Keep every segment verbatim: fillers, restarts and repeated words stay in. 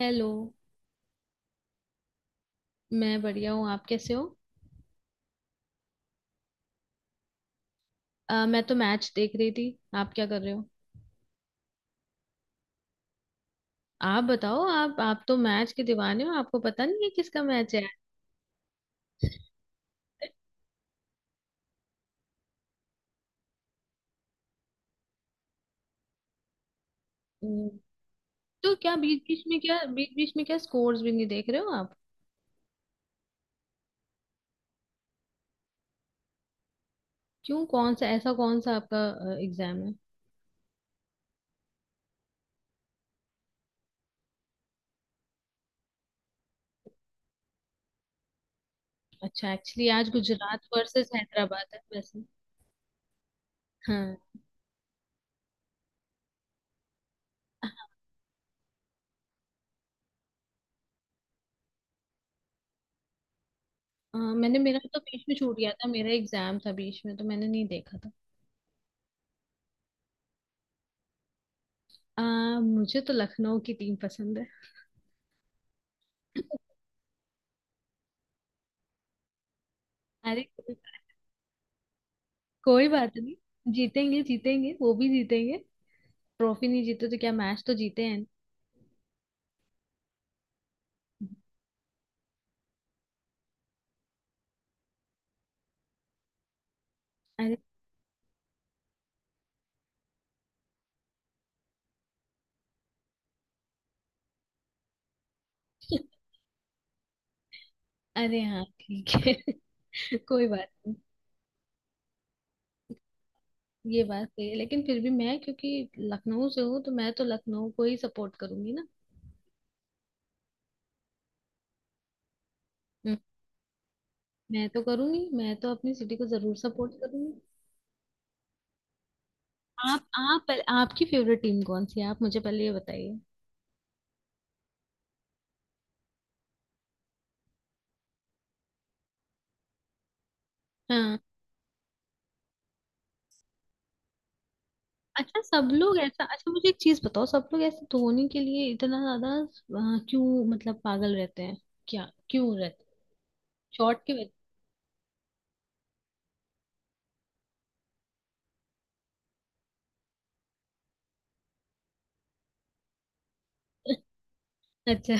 Hello. मैं बढ़िया हूँ। आप कैसे हो? अ, मैं तो मैच देख रही थी। आप क्या कर रहे हो? आप बताओ। आप आप तो मैच के दीवाने हो, आपको पता नहीं है किसका मैच है आज? हम्म। तो क्या बीच बीच में क्या बीच बीच में क्या स्कोर्स भी नहीं देख रहे हो आप? क्यों, कौन सा ऐसा कौन सा आपका एग्जाम है? अच्छा, एक्चुअली आज गुजरात वर्सेस हैदराबाद है वैसे। हाँ। अ, मैंने मेरा तो बीच में छूट गया था, मेरा एग्जाम था बीच में, तो मैंने नहीं देखा था। अ, मुझे तो लखनऊ की टीम पसंद है। अरे, कोई बात नहीं। जीतेंगे, जीतेंगे, वो भी जीतेंगे। ट्रॉफी नहीं जीते तो क्या, मैच तो जीते हैं। अरे। अरे हाँ, ठीक है। कोई बात नहीं। ये बात सही है, लेकिन फिर भी मैं क्योंकि लखनऊ से हूँ, तो मैं तो लखनऊ को ही सपोर्ट करूंगी ना। हम्म। मैं तो करूंगी, मैं तो अपनी सिटी को जरूर सपोर्ट करूंगी। आप आप पहले- आपकी फेवरेट टीम कौन सी है? आप मुझे पहले ये बताइए। हाँ। अच्छा, सब लोग ऐसा अच्छा मुझे एक चीज बताओ, सब लोग ऐसे धोने के लिए इतना ज्यादा अ, क्यों मतलब पागल रहते हैं? क्या क्यों रहते? शॉर्ट के वजह। अच्छा।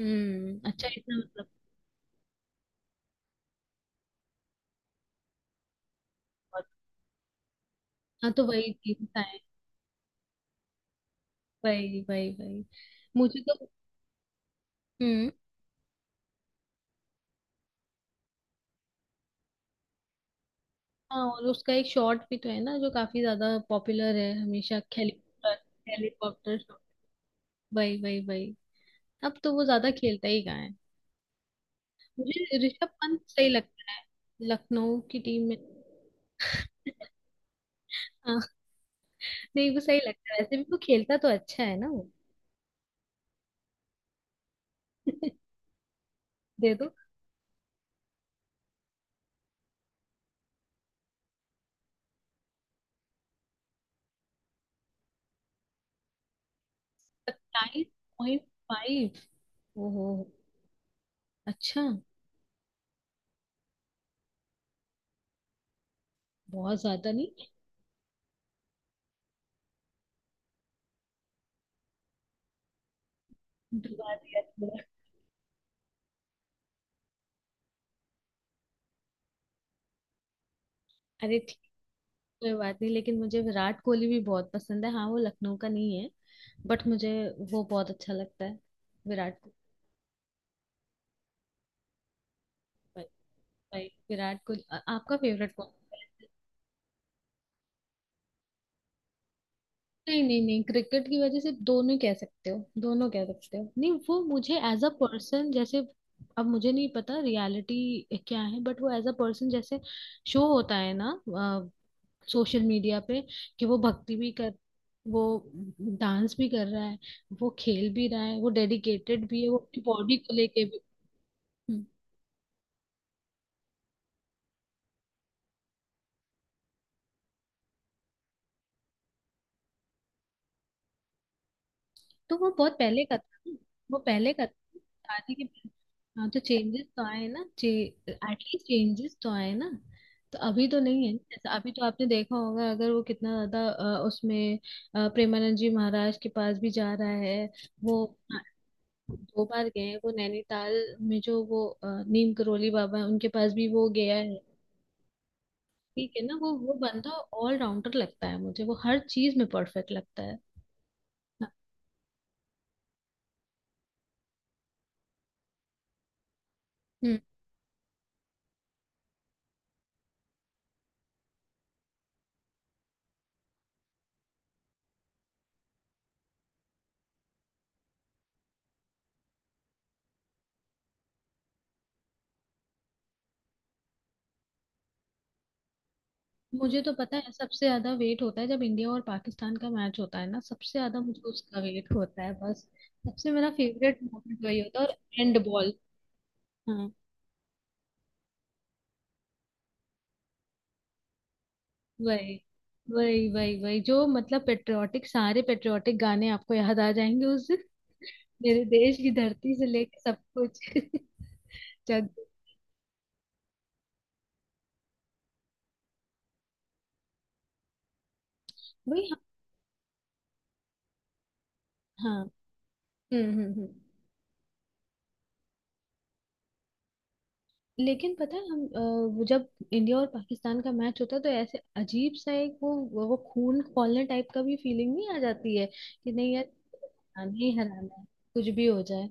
हम्म, अच्छा, इतना मतलब। बहुत-। हाँ, तो वही चीज है। वही, वही, वही। मुझे तो। हम्म। हाँ, और उसका एक शॉर्ट भी तो है ना, जो काफी ज्यादा पॉपुलर है हमेशा, हेलीकॉप्टर हेलीकॉप्टर शॉट। वही, वही, वही। अब तो वो ज्यादा खेलता ही कहाँ है? मुझे ऋषभ पंत सही लगता है, लखनऊ की टीम में। हाँ। नहीं, वो सही लगता है, वैसे भी वो खेलता तो अच्छा है ना वो। दे दो। सत्ताईस पॉइंट फाइव। ओहो, अच्छा। बहुत ज्यादा नहीं। डुबा दिया थोड़ा। अरे ठीक। कोई बात नहीं, लेकिन मुझे विराट कोहली भी बहुत पसंद है, हाँ वो लखनऊ का नहीं है, बट मुझे वो बहुत अच्छा लगता है, विराट कोहली। भाई- भाई, विराट कोहली आ- आपका फेवरेट कौन? नहीं, नहीं, नहीं, क्रिकेट की वजह से, दोनों कह सकते हो, दोनों कह सकते हो। नहीं, वो मुझे एज अ पर्सन जैसे, अब मुझे नहीं पता रियलिटी क्या है, बट वो एज अ पर्सन जैसे शो होता है ना सोशल मीडिया पे, कि वो भक्ति भी कर, वो डांस भी कर रहा है, वो खेल भी रहा है, वो डेडिकेटेड भी है वो अपनी बॉडी को लेके भी। तो वो बहुत पहले का था ना। वो पहले का था, शादी के पहले। हाँ, तो चेंजेस तो आए ना चे एटलीस्ट चेंजेस तो आए ना। तो अभी तो नहीं है ना, जैसे अभी तो आपने देखा होगा अगर वो कितना ज्यादा अ, उसमें अ, प्रेमानंद जी महाराज के पास भी जा रहा है वो। हाँ। दो बार गए हैं वो नैनीताल में, जो वो अ, नीम करोली बाबा है, उनके पास भी वो गया है। ठीक है ना, वो वो बंदा ऑल राउंडर लगता है मुझे, वो हर चीज में परफेक्ट लगता है। हाँ। मुझे तो पता है सबसे ज्यादा वेट होता है जब इंडिया और पाकिस्तान का मैच होता है ना, सबसे ज्यादा मुझे उसका वेट होता है बस। सबसे मेरा फेवरेट मोमेंट वही होता है, और एंड बॉल। हाँ। वही, वही, वही, वही, जो मतलब पेट्रियाटिक, सारे पेट्रियाटिक गाने आपको याद आ जाएंगे उस दिन। मेरे देश की धरती से लेके सब कुछ जग। वही, हाँ। हाँ। हम्म, हम्म, हम्म। लेकिन पता है हम अ, वो जब इंडिया और पाकिस्तान का मैच होता है तो ऐसे अजीब सा एक वो वो वो खून खौलने टाइप का भी फीलिंग नहीं आ जाती है कि नहीं यार? हराना ही हराना है, कुछ भी हो जाए।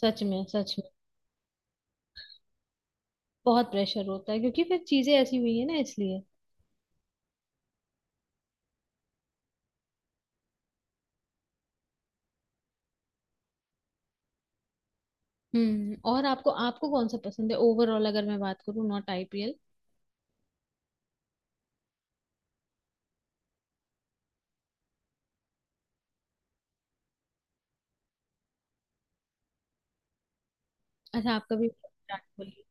सच में, सच में। बहुत प्रेशर होता है, क्योंकि फिर चीजें ऐसी हुई है ना इसलिए। हम्म, और आपको आपको कौन सा पसंद है ओवरऑल, अगर मैं बात करूँ नॉट आई पी एल। अच्छा, आपका भी विराट कोहली।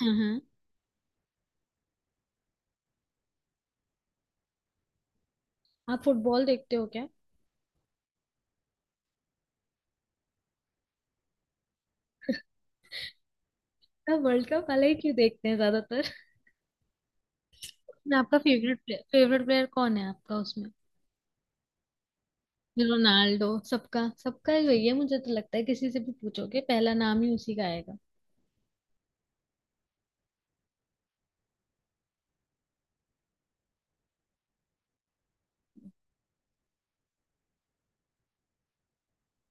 हाँ, हाँ। आप फुटबॉल देखते हो क्या? वर्ल्ड कप वाला ही क्यों देखते हैं ज्यादातर? आपका फेवरेट प्लेयर, फेवरेट प्लेयर कौन है आपका उसमें? रोनाल्डो सबका, सबका ही वही है, मुझे तो लगता है किसी से भी पूछोगे पहला नाम ही उसी का आएगा।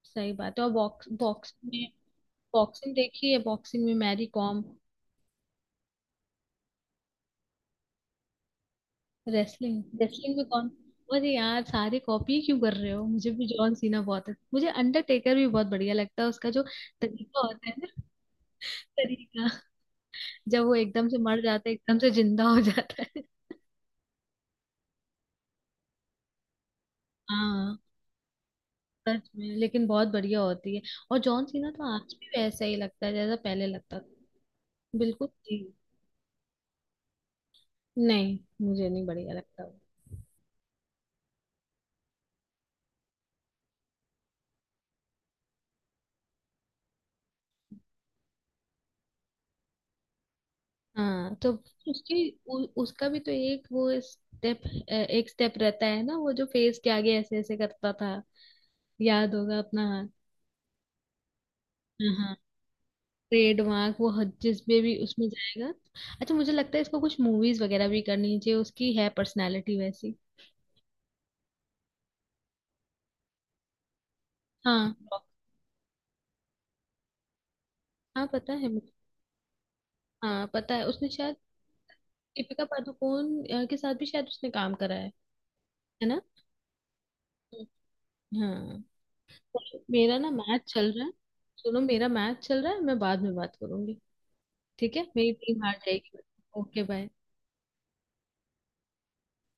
सही बात है। और बॉक्स बॉक्सिंग में बॉक्सिंग देखी है? बॉक्सिंग में मैरी कॉम। रेसलिंग? रेसलिंग में कौन? अरे यार, सारे कॉपी क्यों कर रहे हो? मुझे भी जॉन सीना बहुत अच्छा। मुझे अंडरटेकर भी बहुत बढ़िया लगता है, उसका जो तरीका होता है ना, तरीका, जब वो एकदम से मर जाता है, एकदम से जिंदा हो जाता है। हाँ। सच में, लेकिन बहुत बढ़िया होती है। और जॉन सीना तो आज भी वैसा ही लगता है जैसा पहले लगता था। बिल्कुल जी। नहीं, मुझे नहीं बढ़िया लगता वो। हाँ, तो उसकी उ, उसका भी तो एक वो स्टेप, एक स्टेप रहता है ना वो, जो फेस के आगे ऐसे ऐसे करता था। याद होगा अपना? हाँ, हाँ। ट्रेडमार्क, वो हद- जिसमें भी उसमें जाएगा। अच्छा, मुझे लगता है इसको कुछ मूवीज वगैरह भी करनी चाहिए, उसकी है पर्सनालिटी वैसी। हाँ। हाँ, पता है मुझे। हाँ, पता है उसने शायद दीपिका पादुकोण अ, के साथ भी शायद उसने काम करा है है ना? हाँ। मेरा ना मैच चल रहा है। सुनो, मेरा मैच चल रहा है, मैं बाद में बात करूंगी। ठीक है, मेरी टीम हार जाएगी। Okay, bye.